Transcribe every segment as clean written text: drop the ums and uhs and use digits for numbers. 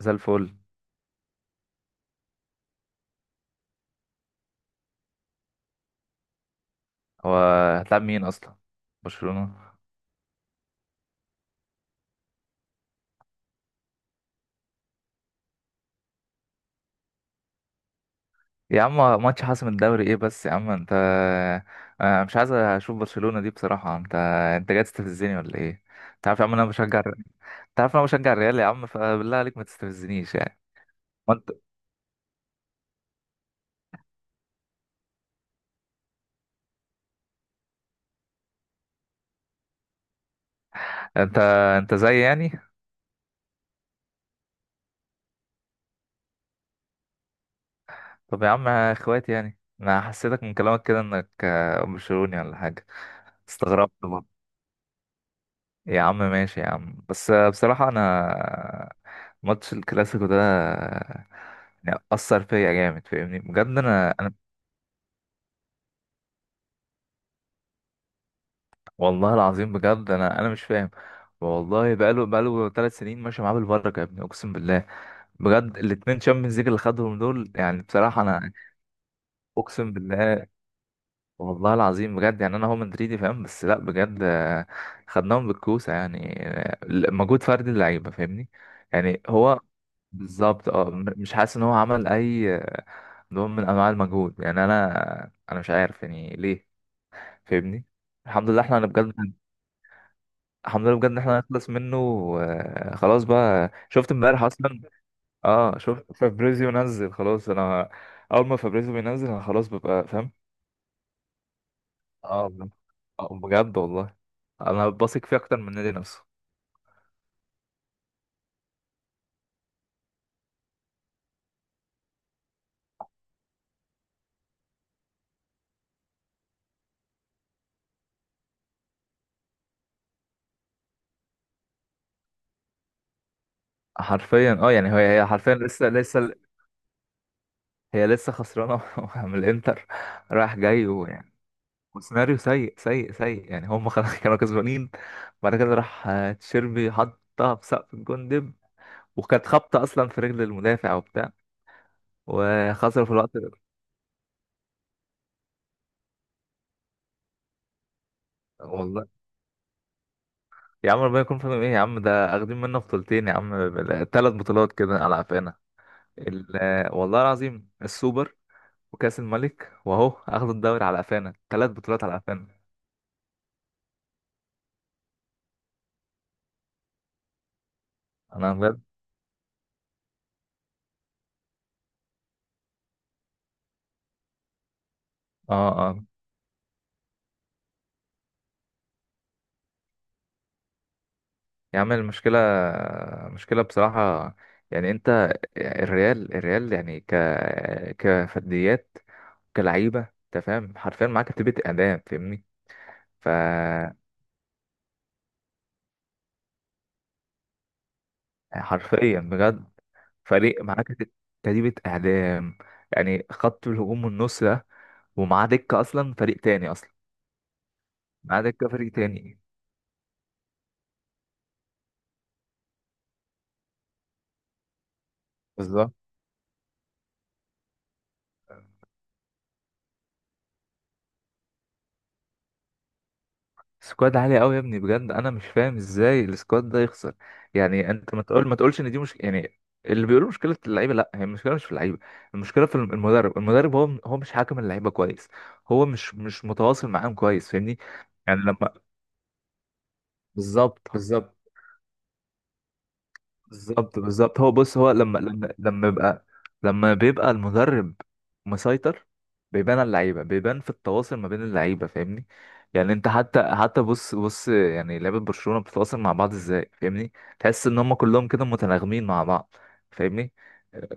زي الفل. هو هتلعب مين اصلا؟ برشلونة؟ يا عم، ماتش حاسم الدوري ايه بس يا عم انت؟ انا مش عايز اشوف برشلونة دي بصراحة. انت، انت جاي تستفزني ولا ايه؟ انت عارف يا عم انا بشجع انت عارف انا بشجع الريال يا عم، فبالله عليك ما تستفزنيش يعني. ما انت انت انت زي يعني. طب يا عم اخواتي، يعني انا حسيتك من كلامك كده انك برشلوني ولا حاجة. استغربت برضه. يا عم ماشي يا عم، بس بصراحة أنا ماتش الكلاسيكو ده يعني أثر فيا جامد، فاهمني بجد. أنا والله العظيم بجد، أنا مش فاهم. والله بقاله ثلاث سنين ماشي معاه بالبركة يا ابني، أقسم بالله. بجد الاتنين شامبيونز ليج اللي خدهم دول، يعني بصراحة أنا أقسم بالله، والله العظيم بجد. يعني انا هو مدريدي فاهم، بس لا بجد خدناهم بالكوسه يعني. مجهود فردي اللعيبه فاهمني. يعني هو بالظبط. اه مش حاسس ان هو عمل اي نوع من انواع المجهود. يعني انا مش عارف يعني ليه، فاهمني. الحمد لله احنا بجد، الحمد لله بجد ان احنا نخلص منه. خلاص بقى، شفت امبارح اصلا. اه شفت فابريزيو نزل خلاص. انا اول ما فابريزيو بينزل انا خلاص ببقى فاهم. اه بجد، بجد والله، انا بثق فيه اكتر من النادي نفسه. حرفيا اه، يعني هي، هي حرفيا لسه هي لسه خسرانه من الانتر، رايح جاي ويعني. وسيناريو سيء سيء سيء، يعني هم خلاص كانوا كسبانين. بعد كده راح تشيربي حطها في سقف الجون دب، وكانت خبطه اصلا في رجل المدافع وبتاع، وخسروا في الوقت ده. والله يا عم، ربنا يكون في عونهم. ايه يا عم، ده اخدين منا بطولتين يا عم، ثلاث بطولات كده على قفانا. والله العظيم السوبر وكأس الملك، واهو اخد الدوري على قفانا، ثلاث بطولات على قفانا. انا بجد، اه اه. يا عم المشكله، مشكله بصراحه. يعني انت، الريال يعني ك كفرديات، كلعيبه، انت فاهم، حرفيا معاك كتيبه اعدام فاهمني. ف حرفيا بجد، فريق معاك كتيبه اعدام. يعني خط الهجوم والنص ده، ومعاه دكه اصلا فريق تاني اصلا، معاه دكه فريق تاني. سكواد عالي قوي يا ابني، بجد انا مش فاهم ازاي السكواد ده يخسر. يعني انت ما تقول، ما تقولش ان دي مش يعني، اللي بيقولوا مشكله اللعيبه، لا، هي المشكله مش في اللعيبه، المشكله في المدرب. المدرب هو مش حاكم اللعيبه كويس، هو مش متواصل معاهم كويس فاهمني. يعني لما، بالظبط بالظبط. بالظبط هو بص، هو لما لما يبقى، لما بيبقى المدرب مسيطر، بيبان على اللعيبه، بيبان في التواصل ما بين اللعيبه فاهمني. يعني انت حتى بص يعني لعيبه برشلونه بتتواصل مع بعض ازاي فاهمني؟ تحس ان هم كلهم كده متناغمين مع بعض، فاهمني.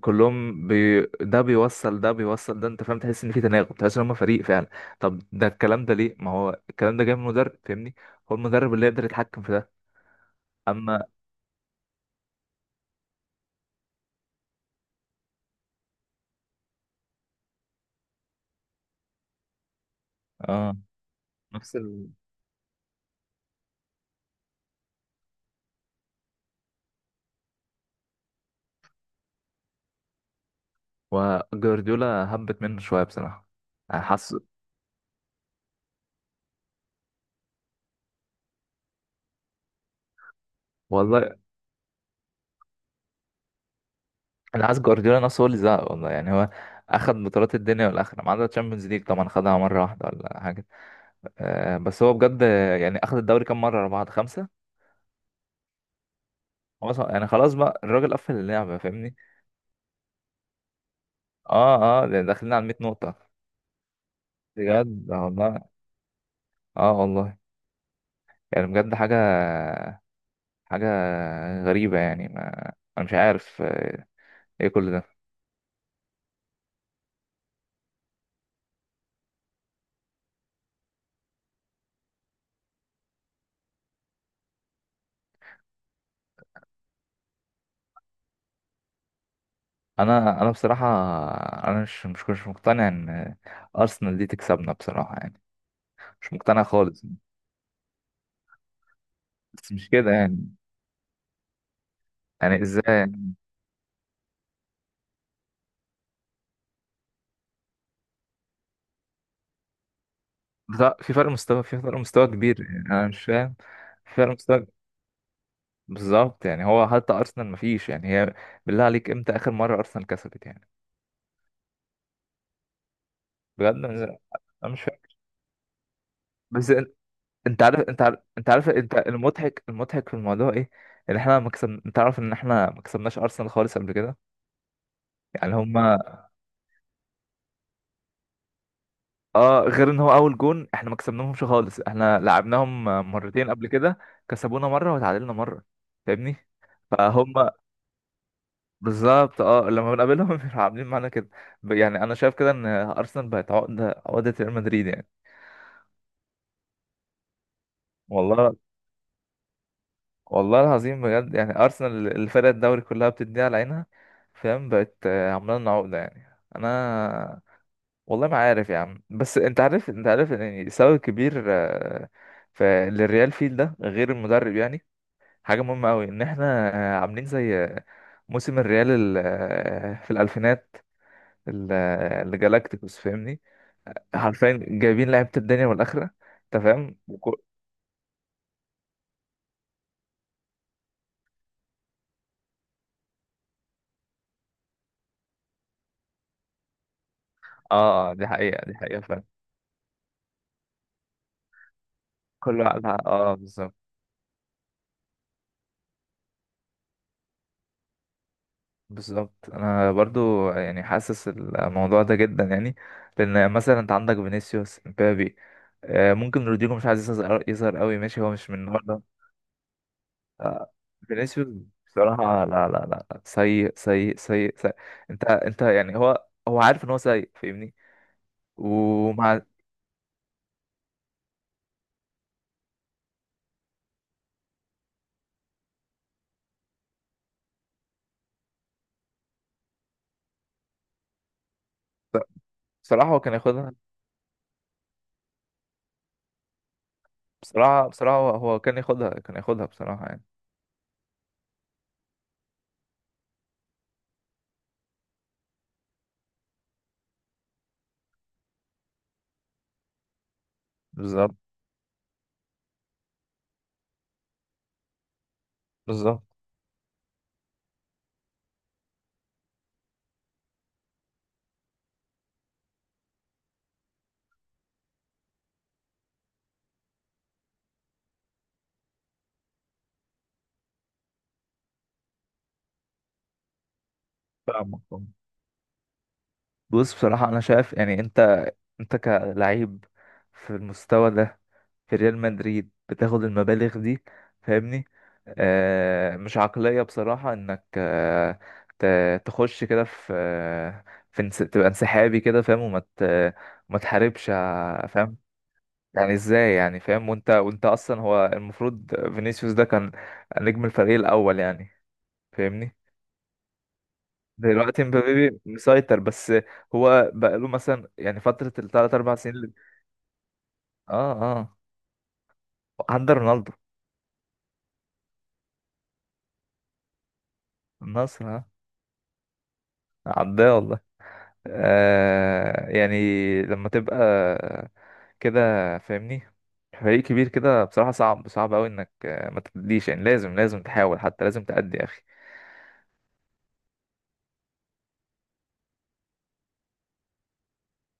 كلهم بي... ده بيوصل ده، انت فاهم، تحس ان في تناغم، تحس ان هم فريق فعلا. طب ده الكلام ده ليه؟ ما هو الكلام ده جاي من المدرب، فاهمني. هو المدرب اللي يقدر يتحكم في ده. اما اه، نفس ال... وجوارديولا هبت منه شويه بصراحه. انا حاسس، والله انا حاسس جوارديولا نفسه هو اللي زهق، والله. يعني هو اخد بطولات الدنيا والاخره ما عدا الشامبيونز ليج، طبعا خدها مره واحده ولا حاجه. أه، بس هو بجد يعني اخد الدوري كام مره ورا بعض، خمسه. هو ص- يعني خلاص بقى الراجل قفل اللعبه فاهمني. اه اه، ده داخلين على 100 نقطه، بجد والله. اه والله، يعني بجد حاجه، حاجه غريبه يعني. ما انا مش عارف ايه كل ده. انا بصراحه انا مش مش مقتنع ان ارسنال دي تكسبنا بصراحه يعني، مش مقتنع خالص. بس مش كده يعني، يعني ازاي يعني؟ لا، في فرق مستوى، في فرق مستوى كبير، يعني انا مش فاهم، في فرق مستوى. بالظبط، يعني هو حتى ارسنال مفيش، يعني هي بالله عليك امتى اخر مره ارسنال كسبت يعني؟ بجد انا أنا مش فاهم. بس انت عارف، انت المضحك، المضحك في الموضوع ايه؟ ان احنا ما كسب، انت عارف ان احنا ما كسبناش ارسنال خالص قبل كده. يعني هم اه، غير ان هو اول جون، احنا ما كسبناهمش خالص، احنا لعبناهم مرتين قبل كده، كسبونا مره وتعادلنا مره، فاهمني. فهم بالظبط اه، لما بنقابلهم بيبقوا عاملين معانا كده. ب- يعني انا شايف كده ان ارسنال بقت عقده، عقده ريال مدريد يعني. والله، والله العظيم بجد، يعني ارسنال الفرق الدوري كلها بتديها على عينها، فاهم؟ بقت عامله لنا عقده يعني. انا والله ما عارف يا عم، بس انت عارف يعني سبب كبير ف- للريال فيل ده غير المدرب يعني. حاجة مهمة أوي إن إحنا عاملين زي موسم الريال في الألفينات، اللي جالاكتيكوس فاهمني. حرفيا جايبين لعيبة الدنيا والآخرة، أنت فاهم، وكو... آه دي حقيقة، دي حقيقة فاهم. كل واحد آه بالظبط. بالظبط أنا برضو يعني حاسس الموضوع ده جدا يعني. لأن مثلا أنت عندك فينيسيوس مبابي، ممكن رودريجو مش عايز يظهر، أوي ماشي، هو مش من النهاردة. فينيسيوس بصراحة لا لا لا لا. سيء سيء سيء سيء. انت يعني هو، هو عارف ان هو سيء فاهمني. ومع، بصراحة هو كان ياخدها. بصراحة بصراحة هو كان ياخدها، كان ياخدها بصراحة يعني. بالظبط، بالظبط. فاهمك. بص بصراحة أنا شايف يعني، أنت كلعيب في المستوى ده، في ريال مدريد، بتاخد المبالغ دي فاهمني. آه، مش عقلية بصراحة انك آه تخش كده في آه، في تبقى انسحابي كده فاهم، وما ت- ما تحاربش ع- فاهم. يعني ازاي يعني فاهم؟ وانت اصلا هو المفروض فينيسيوس ده كان نجم الفريق الاول يعني، فاهمني. دلوقتي مبابي مسيطر بس، هو بقاله مثلا يعني فترة الثلاث أربع سنين اللي- اه اه، عدى رونالدو، النصر ها. عداه والله. آه يعني، لما تبقى كده فاهمني، فريق كبير كده، بصراحة صعب، صعب أوي إنك ما تديش. يعني لازم، لازم تحاول، حتى لازم تأدي يا أخي.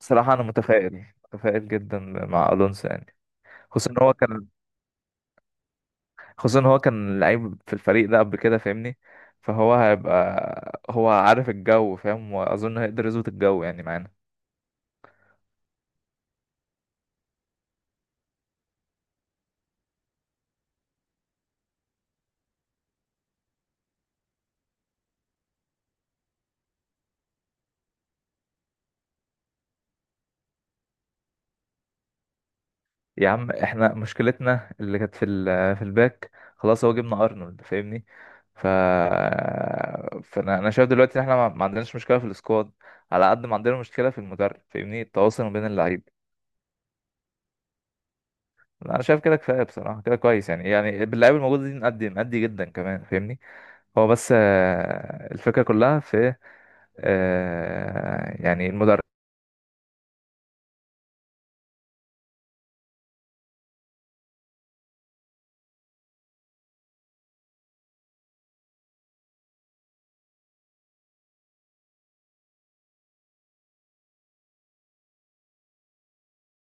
بصراحة أنا متفائل، متفائل جدا مع ألونسو يعني. خصوصا إن هو كان، خصوصا إن هو كان لعيب في الفريق ده قبل كده فاهمني، فهو هيبقى هو عارف الجو فاهم، وأظن هيقدر يظبط الجو يعني معانا. يا عم احنا مشكلتنا اللي كانت في في الباك، خلاص هو جبنا ارنولد فاهمني. ف فانا، انا شايف دلوقتي ان احنا ما عندناش مشكله في السكواد، على قد ما عندنا مشكله في المدرب فاهمني، التواصل ما بين اللعيب. انا شايف كده كفايه بصراحه، كده كويس يعني، يعني باللعيب الموجود دي نأدي جدا كمان فاهمني. هو بس الفكره كلها في يعني المدرب